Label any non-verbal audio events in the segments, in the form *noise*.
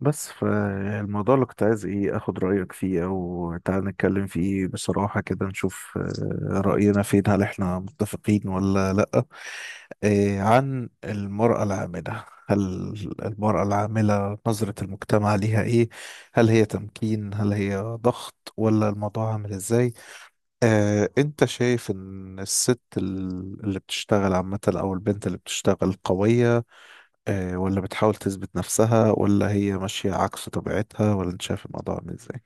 بس، فالموضوع اللي كنت عايز ايه اخد رأيك فيه او تعال نتكلم فيه بصراحة كده نشوف، رأينا فين، هل احنا متفقين ولا لأ؟ عن المرأة العاملة، نظرة المجتمع ليها ايه؟ هل هي تمكين، هل هي ضغط، ولا الموضوع عامل ازاي؟ انت شايف ان الست اللي بتشتغل عامة او البنت اللي بتشتغل قوية، ولا بتحاول تثبت نفسها، ولا هي ماشية عكس طبيعتها، ولا انت شايف الموضوع عامل ازاي؟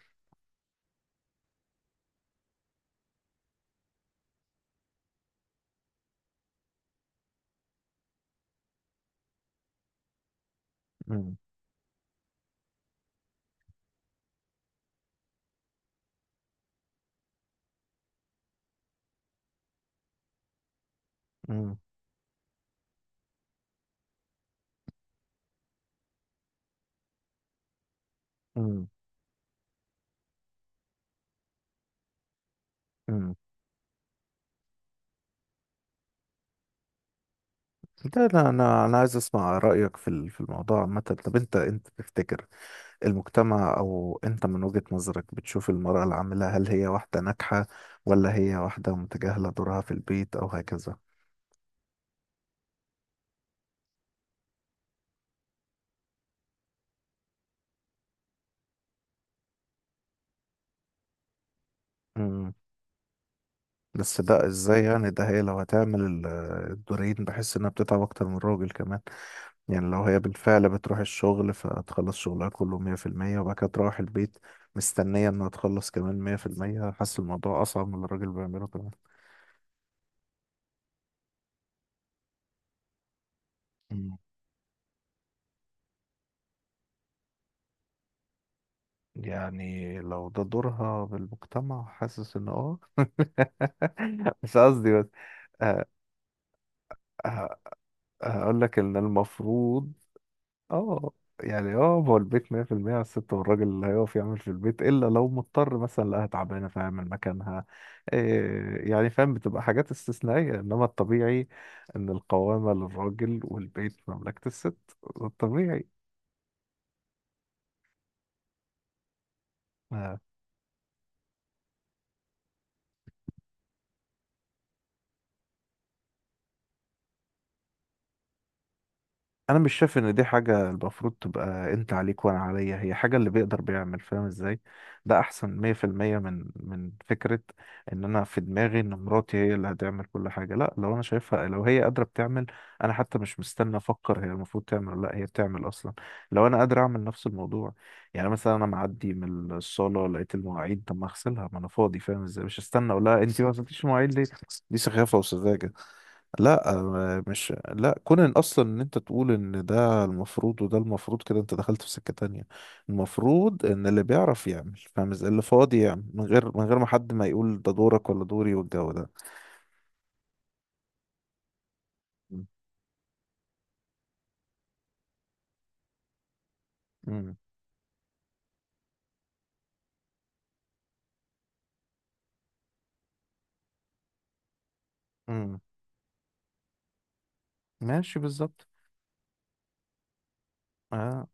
مم، مم، مم، مم. ده انا عايز اسمع رأيك في الموضوع عامة. طب انت تفتكر المجتمع، او انت من وجهة نظرك بتشوف المرأة العاملة، هل هي واحدة ناجحة ولا هي واحدة متجاهلة دورها في البيت او هكذا؟ مم. بس ده ازاي يعني، ده هي لو هتعمل الدورين بحس انها بتتعب اكتر من الراجل كمان. يعني لو هي بالفعل بتروح الشغل فتخلص شغلها كله 100% وبعد كده تروح البيت مستنية إنها تخلص كمان 100%، حاسس الموضوع أصعب من اللي الراجل بيعمله كمان. مم. يعني لو ده دورها بالمجتمع، حاسس إن *laughs* مش قصدي، بس. آه، آه، هقول لك إن المفروض، اه يعني هو البيت 100% على الست، والراجل اللي هيقف يعمل في البيت الا لو مضطر مثلا لقاها تعبانه فيعمل مكانها إيه يعني، فاهم؟ بتبقى حاجات استثنائيه، انما الطبيعي ان القوامه للراجل والبيت مملكه الست. ده الطبيعي. انا مش شايف ان دي حاجه المفروض تبقى انت عليك وانا عليا، هي حاجه اللي بيقدر بيعمل، فاهم ازاي؟ ده احسن 100% من فكره ان انا في دماغي ان مراتي هي اللي هتعمل كل حاجه. لا، لو انا شايفها لو هي قادره بتعمل، انا حتى مش مستني افكر هي المفروض تعمل ولا لا، هي بتعمل اصلا لو انا قادر اعمل نفس الموضوع. يعني مثلا انا معدي من الصاله لقيت المواعيد، طب ما اغسلها، ما انا فاضي، فاهم ازاي؟ مش هستنى اقول لها انت ما غسلتيش المواعيد ليه، دي سخافه وسذاجه. لا، مش لا، كون ان اصلا ان انت تقول ان ده المفروض وده المفروض كده انت دخلت في سكة تانية. المفروض ان اللي بيعرف يعمل، فاهم ازاي؟ اللي فاضي يعمل، من غير ما حد ما يقول ده دورك ولا دوري والجو ده. مم. امم. امم. ماشي. بالظبط. اه.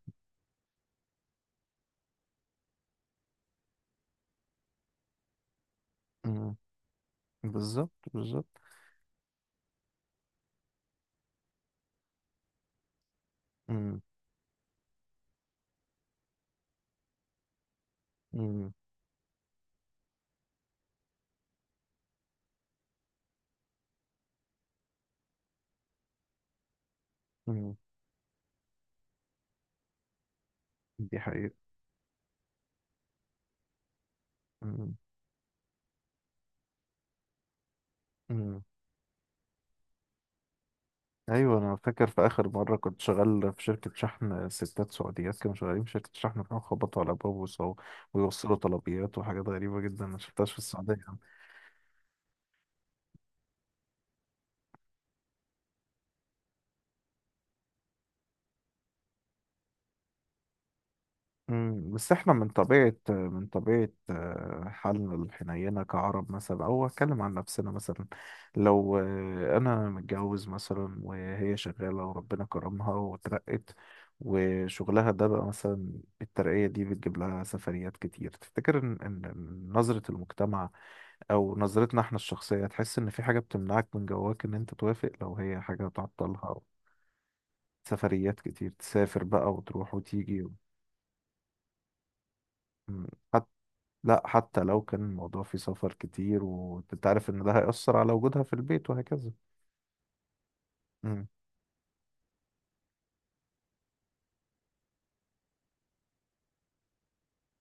امم. بالظبط، بالظبط. امم. امم. امم. دي حقيقة. امم. ايوه، انا فاكر في اخر مره كنت شغال في شركه شحن، ستات سعوديات كانوا شغالين في شركه شحن بيروحوا خبطوا على باب وصو، ويوصلوا طلبيات وحاجات غريبه جدا ما شفتهاش في السعوديه. امم. بس احنا من طبيعه حالنا الحنينه كعرب مثلا، او اتكلم عن نفسنا مثلا. لو انا متجوز مثلا وهي شغاله وربنا كرمها وترقت، وشغلها ده بقى مثلا الترقية دي بتجيب لها سفريات كتير، تفتكر إن- نظرة المجتمع او نظرتنا احنا الشخصية تحس ان في حاجة بتمنعك من جواك ان انت توافق لو هي حاجة تعطلها؟ أو سفريات كتير تسافر بقى وتروح وتيجي و. حتى. لا، حتى لو كان الموضوع فيه سفر كتير وانت عارف ان ده هيأثر على وجودها في البيت وهكذا. مم.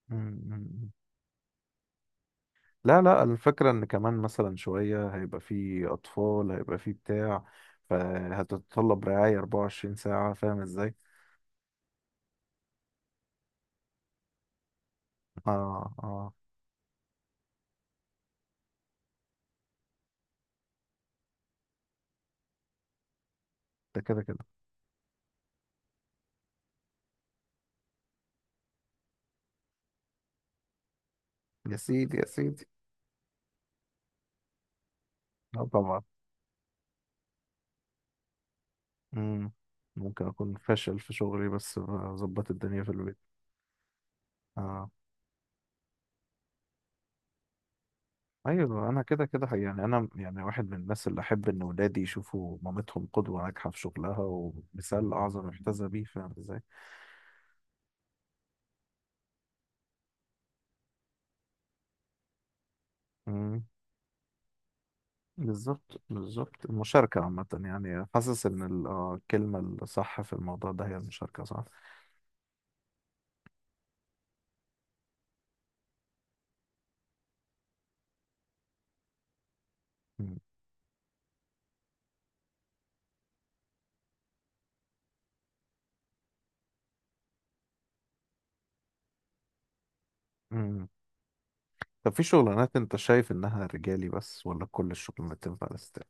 مم. مم. لا، لا، الفكرة ان كمان مثلا شوية هيبقى فيه اطفال، هيبقى فيه بتاع، فهتتطلب رعاية 24 ساعة فاهم ازاي؟ اه، اه. ده كده كده. يا سيدي، يا سيدي. اه، طبعا. مم. ممكن اكون فاشل في شغلي بس بظبط الدنيا في البيت. اه. ايوه، انا كده كده حقيقي. يعني انا يعني واحد من الناس اللي احب ان ولادي يشوفوا مامتهم قدوه ناجحه في شغلها ومثال اعظم يحتذى بيه، فاهم ازاي؟ مم. بالظبط، بالظبط. المشاركه عامه يعني، حاسس ان الكلمه الصح في الموضوع ده هي المشاركه، صح؟ مم. مم. طب، في شغلانات انت شايف انها رجالي بس ولا كل الشغلانات تنفع للستات؟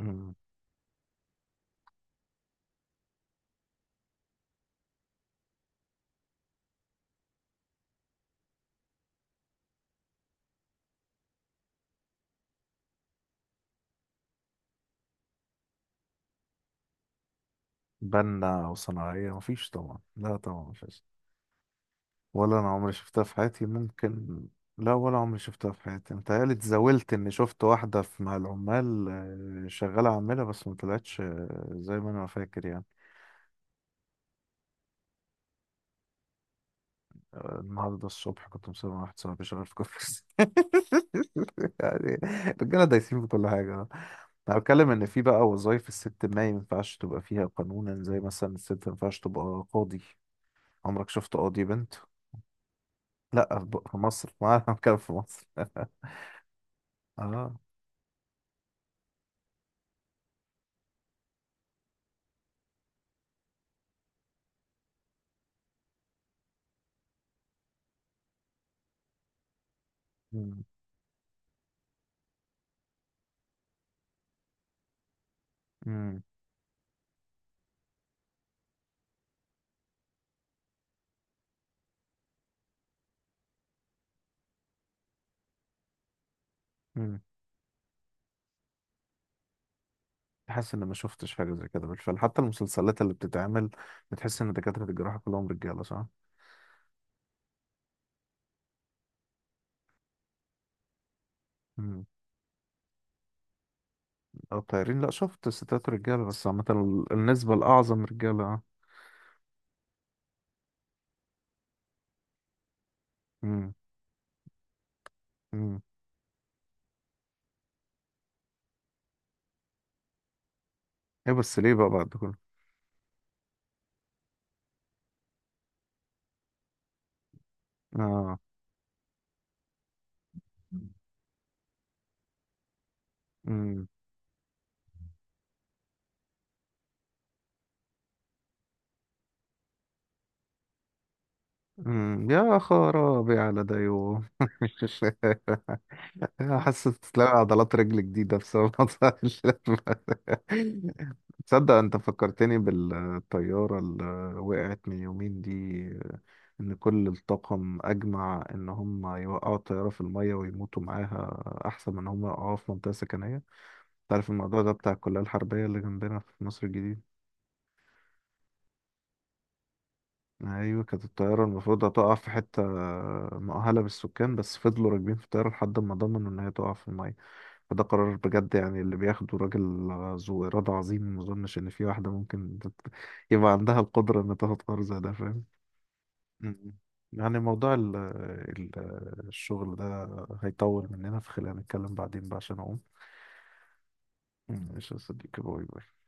مم. بنا وصناعيه، مفيش طبعا، لا طبعا مفيش. ولا انا عمري شفتها في حياتي، ممكن. لا، ولا عمري شفتها في حياتي، متهيألي اتزاولت اني شفت واحدة في مع العمال شغالة عاملة، بس ما طلعتش زي ما انا فاكر يعني. النهاردة الصبح كنت مسافر مع واحد صاحبي شغال في كفر *laughs* يعني. الرجالة دايسين في كل حاجة. انا بتكلم ان في بقى وظايف الست ما ينفعش تبقى فيها قانونا، زي مثلا الست ما ينفعش تبقى قاضي. عمرك شفت قاضي بنت؟ لا، في مصر *laughs* ما انا بتكلم في مصر. اه. مم. مم. حاسس ان ما شفتش حاجه زي كده بالفعل، حتى المسلسلات اللي بتتعمل بتحس ان دكاتره الجراحه كلهم رجاله، صح؟ امم. او طيارين، لا شفت ستات رجاله بس عامه النسبه الاعظم رجاله. امم. امم. ايه بس ليه بقى بعد كله؟ اه. امم. امم. يا خرابي على دايو *laughs* حاسس تلاقي عضلات رجل جديده بسبب موضوع الشلل. *laughs* تصدق انت فكرتني بالطيارة اللي وقعت من يومين دي، ان كل الطاقم اجمع ان هم يوقعوا الطيارة في المية ويموتوا معاها احسن من ان هم يوقعوها في منطقة سكنية. تعرف الموضوع ده بتاع الكلية الحربية اللي جنبنا في مصر الجديد؟ ايوه، كانت الطيارة المفروض هتقع في حتة مؤهلة بالسكان، بس فضلوا راكبين في الطيارة لحد ما ضمنوا ان هي تقع في المية. فده قرار بجد يعني، اللي بياخده راجل ذو إرادة عظيم. ما أظنش إن في واحدة ممكن يبقى عندها القدرة إن تاخد قرار زي ده، فاهم؟ مم. يعني موضوع ال الشغل ده هيطول مننا، فخلينا نتكلم بعدين بقى عشان أقوم. مم. ماشي يا صديقي، باي باي.